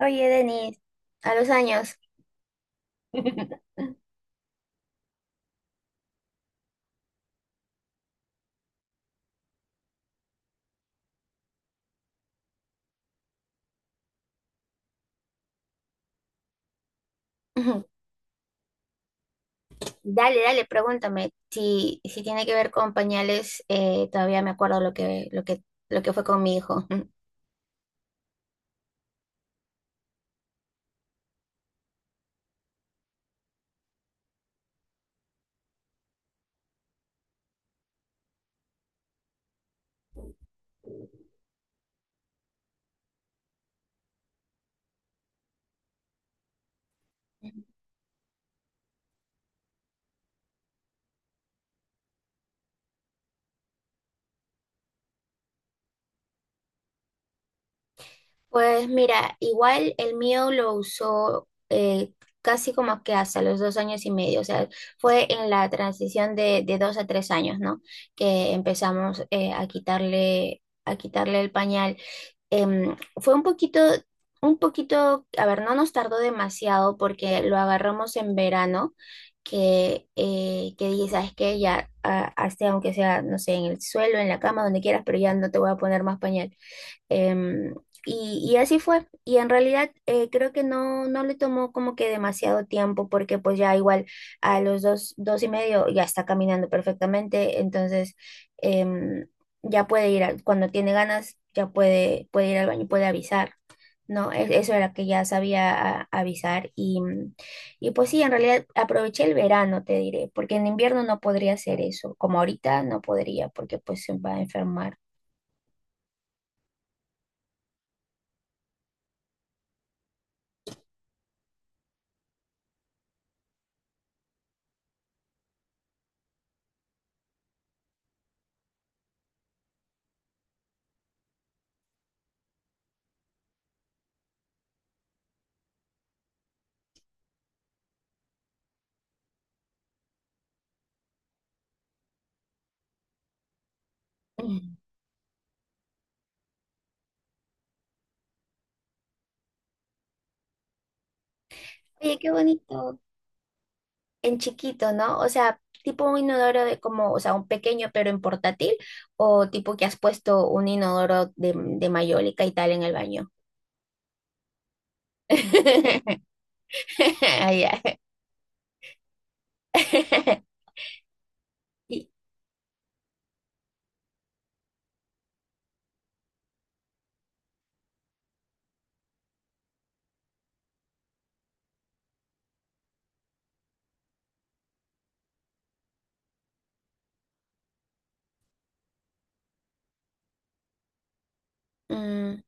Oye, Denis, a los años. Ujú. Dale, dale, pregúntame , si tiene que ver con pañales, todavía me acuerdo lo que fue con mi hijo. Ujú. Pues mira, igual el mío lo usó casi como que hasta los 2 años y medio, o sea, fue en la transición de 2 a 3 años, ¿no? Que empezamos a quitarle el pañal. Fue un poquito, a ver, no nos tardó demasiado porque lo agarramos en verano, que dije, ¿sabes qué? Ya, ah, hazte aunque sea, no sé, en el suelo, en la cama, donde quieras, pero ya no te voy a poner más pañal. Em, y así fue. Y en realidad creo que no le tomó como que demasiado tiempo porque pues ya igual a los dos, dos y medio ya está caminando perfectamente. Entonces em, ya puede ir, cuando tiene ganas, ya puede ir al baño, puede avisar. No, eso era que ya sabía avisar y pues sí, en realidad aproveché el verano, te diré, porque en invierno no podría hacer eso, como ahorita no podría, porque pues se va a enfermar. Mm. Oye, qué bonito. En chiquito, ¿no? O sea, tipo un inodoro de como, o sea, un pequeño pero en portátil, o tipo que has puesto un inodoro de mayólica y tal en el baño. Ah, ya. Y, mm,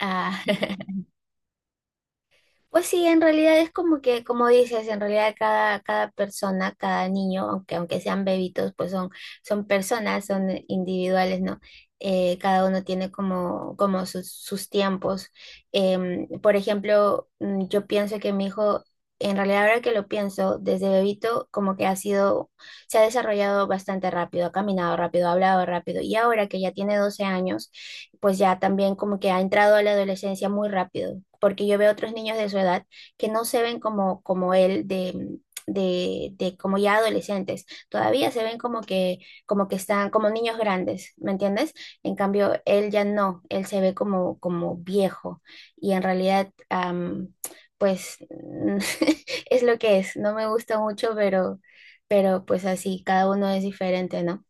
ah. Pues sí, en realidad es como que, como dices, en realidad cada persona, cada niño, aunque sean bebitos, pues son personas, son individuales, ¿no? Cada uno tiene como sus tiempos. Por ejemplo, yo pienso que mi hijo, en realidad ahora que lo pienso, desde bebito como que ha sido, se ha desarrollado bastante rápido, ha caminado rápido, ha hablado rápido, y ahora que ya tiene 12 años, pues ya también como que ha entrado a la adolescencia muy rápido, porque yo veo otros niños de su edad que no se ven como él de como ya adolescentes, todavía se ven como que están como niños grandes, ¿me entiendes? En cambio, él ya no, él se ve como viejo y en realidad, pues es lo que es, no me gusta mucho, pero pues así, cada uno es diferente, ¿no?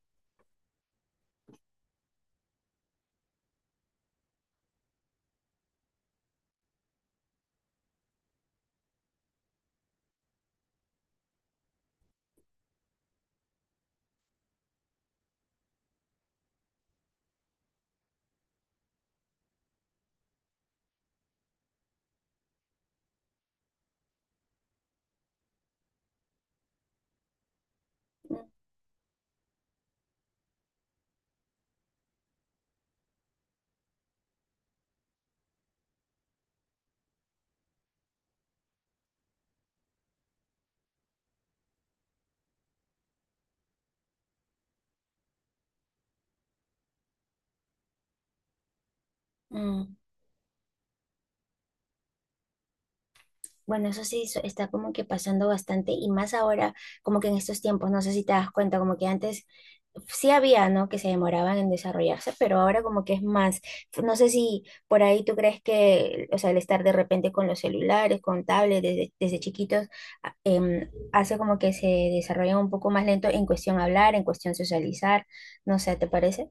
Mm. Bueno, eso sí está como que pasando bastante y más ahora, como que en estos tiempos, no sé si te das cuenta, como que antes sí había, ¿no? Que se demoraban en desarrollarse, pero ahora como que es más, no sé si por ahí tú crees que, o sea, el estar de repente con los celulares, con tablets desde chiquitos, hace como que se desarrollan un poco más lento en cuestión hablar, en cuestión socializar, no sé, ¿te parece?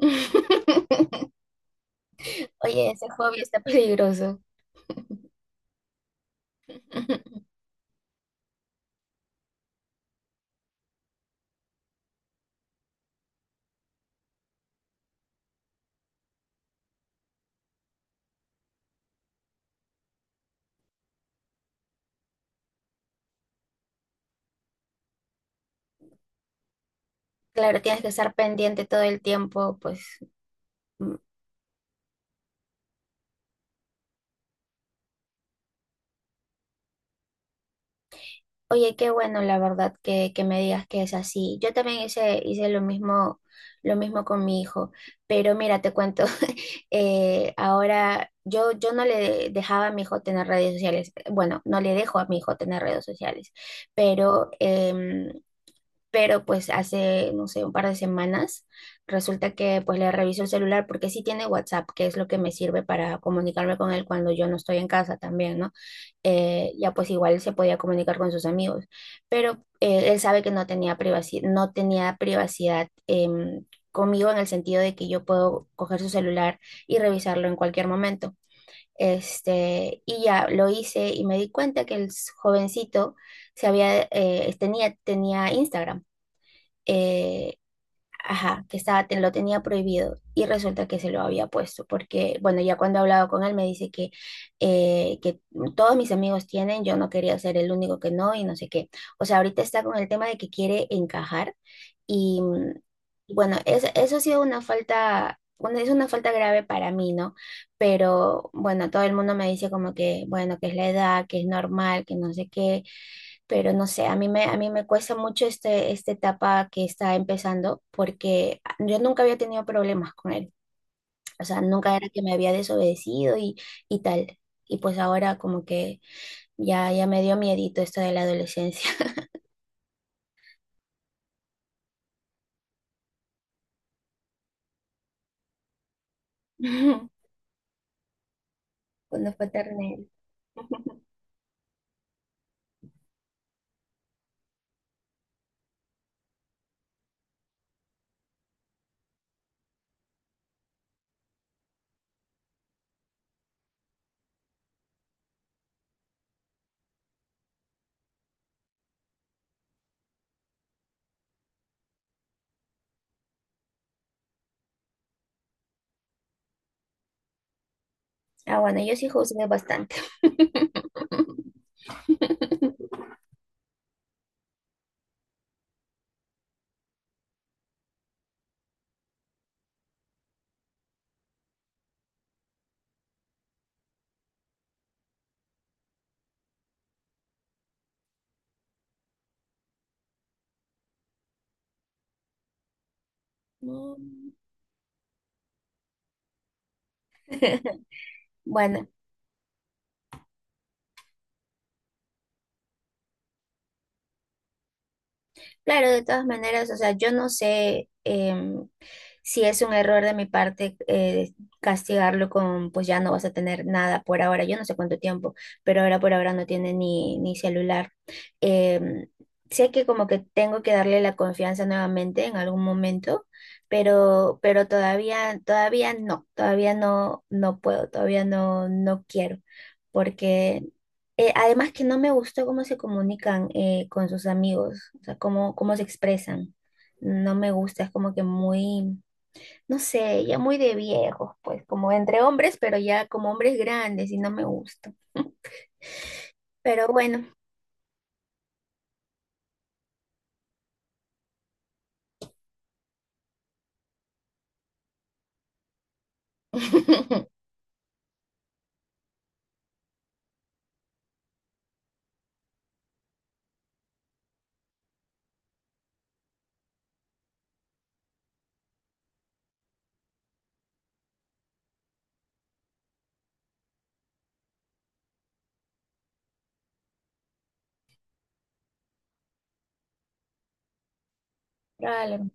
Oye, ese hobby está peligroso. Claro, tienes que estar pendiente todo el tiempo, pues. Mm. Oye, qué bueno, la verdad, que me digas que es así. Yo también hice lo mismo con mi hijo, pero mira, te cuento, ahora yo no le dejaba a mi hijo tener redes sociales, bueno, no le dejo a mi hijo tener redes sociales, pero em, pero pues hace, no sé, un par de semanas, resulta que pues le reviso el celular porque sí tiene WhatsApp, que es lo que me sirve para comunicarme con él cuando yo no estoy en casa también, ¿no? Ya pues igual se podía comunicar con sus amigos, pero él sabe que no tenía privacidad, no tenía privacidad conmigo en el sentido de que yo puedo coger su celular y revisarlo en cualquier momento. Este, y ya lo hice y me di cuenta que el jovencito tenía Instagram eh, ajá, que estaba, lo tenía prohibido y resulta que se lo había puesto, porque, bueno, ya cuando he hablado con él me dice que todos mis amigos tienen, yo no quería ser el único que no y no sé qué. O sea, ahorita está con el tema de que quiere encajar y bueno, eso ha sido una falta. Es una falta grave para mí, ¿no? Pero bueno, todo el mundo me dice como que, bueno, que es la edad, que es normal, que no sé qué, pero no sé, a mí me cuesta mucho este, esta etapa que está empezando porque yo nunca había tenido problemas con él, o sea, nunca era que me había desobedecido y tal. Y pues ahora como que ya me dio miedito esto de la adolescencia. Cuando fue ternero. Ah, bueno, yo sí juzgué bastante. Bueno, claro, de todas maneras, o sea, yo no sé, si es un error de mi parte, castigarlo con, pues ya no vas a tener nada por ahora, yo no sé cuánto tiempo, pero ahora por ahora no tiene ni celular. Em, Sé que como que tengo que darle la confianza nuevamente en algún momento, pero todavía no, no puedo, todavía no, no quiero, porque además que no me gustó cómo se comunican con sus amigos, o sea, cómo se expresan. No me gusta, es como que muy, no sé, ya muy de viejos, pues, como entre hombres, pero ya como hombres grandes y no me gusta. Pero bueno. Claro,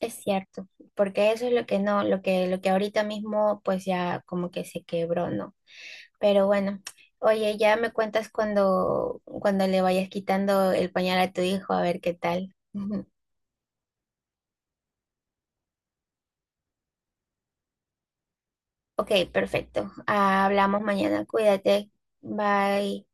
es cierto, porque eso es lo que no, lo que ahorita mismo pues ya como que se quebró, ¿no? Pero bueno, oye, ya me cuentas cuando le vayas quitando el pañal a tu hijo, a ver qué tal. Ok, perfecto. Ah, hablamos mañana, cuídate. Bye.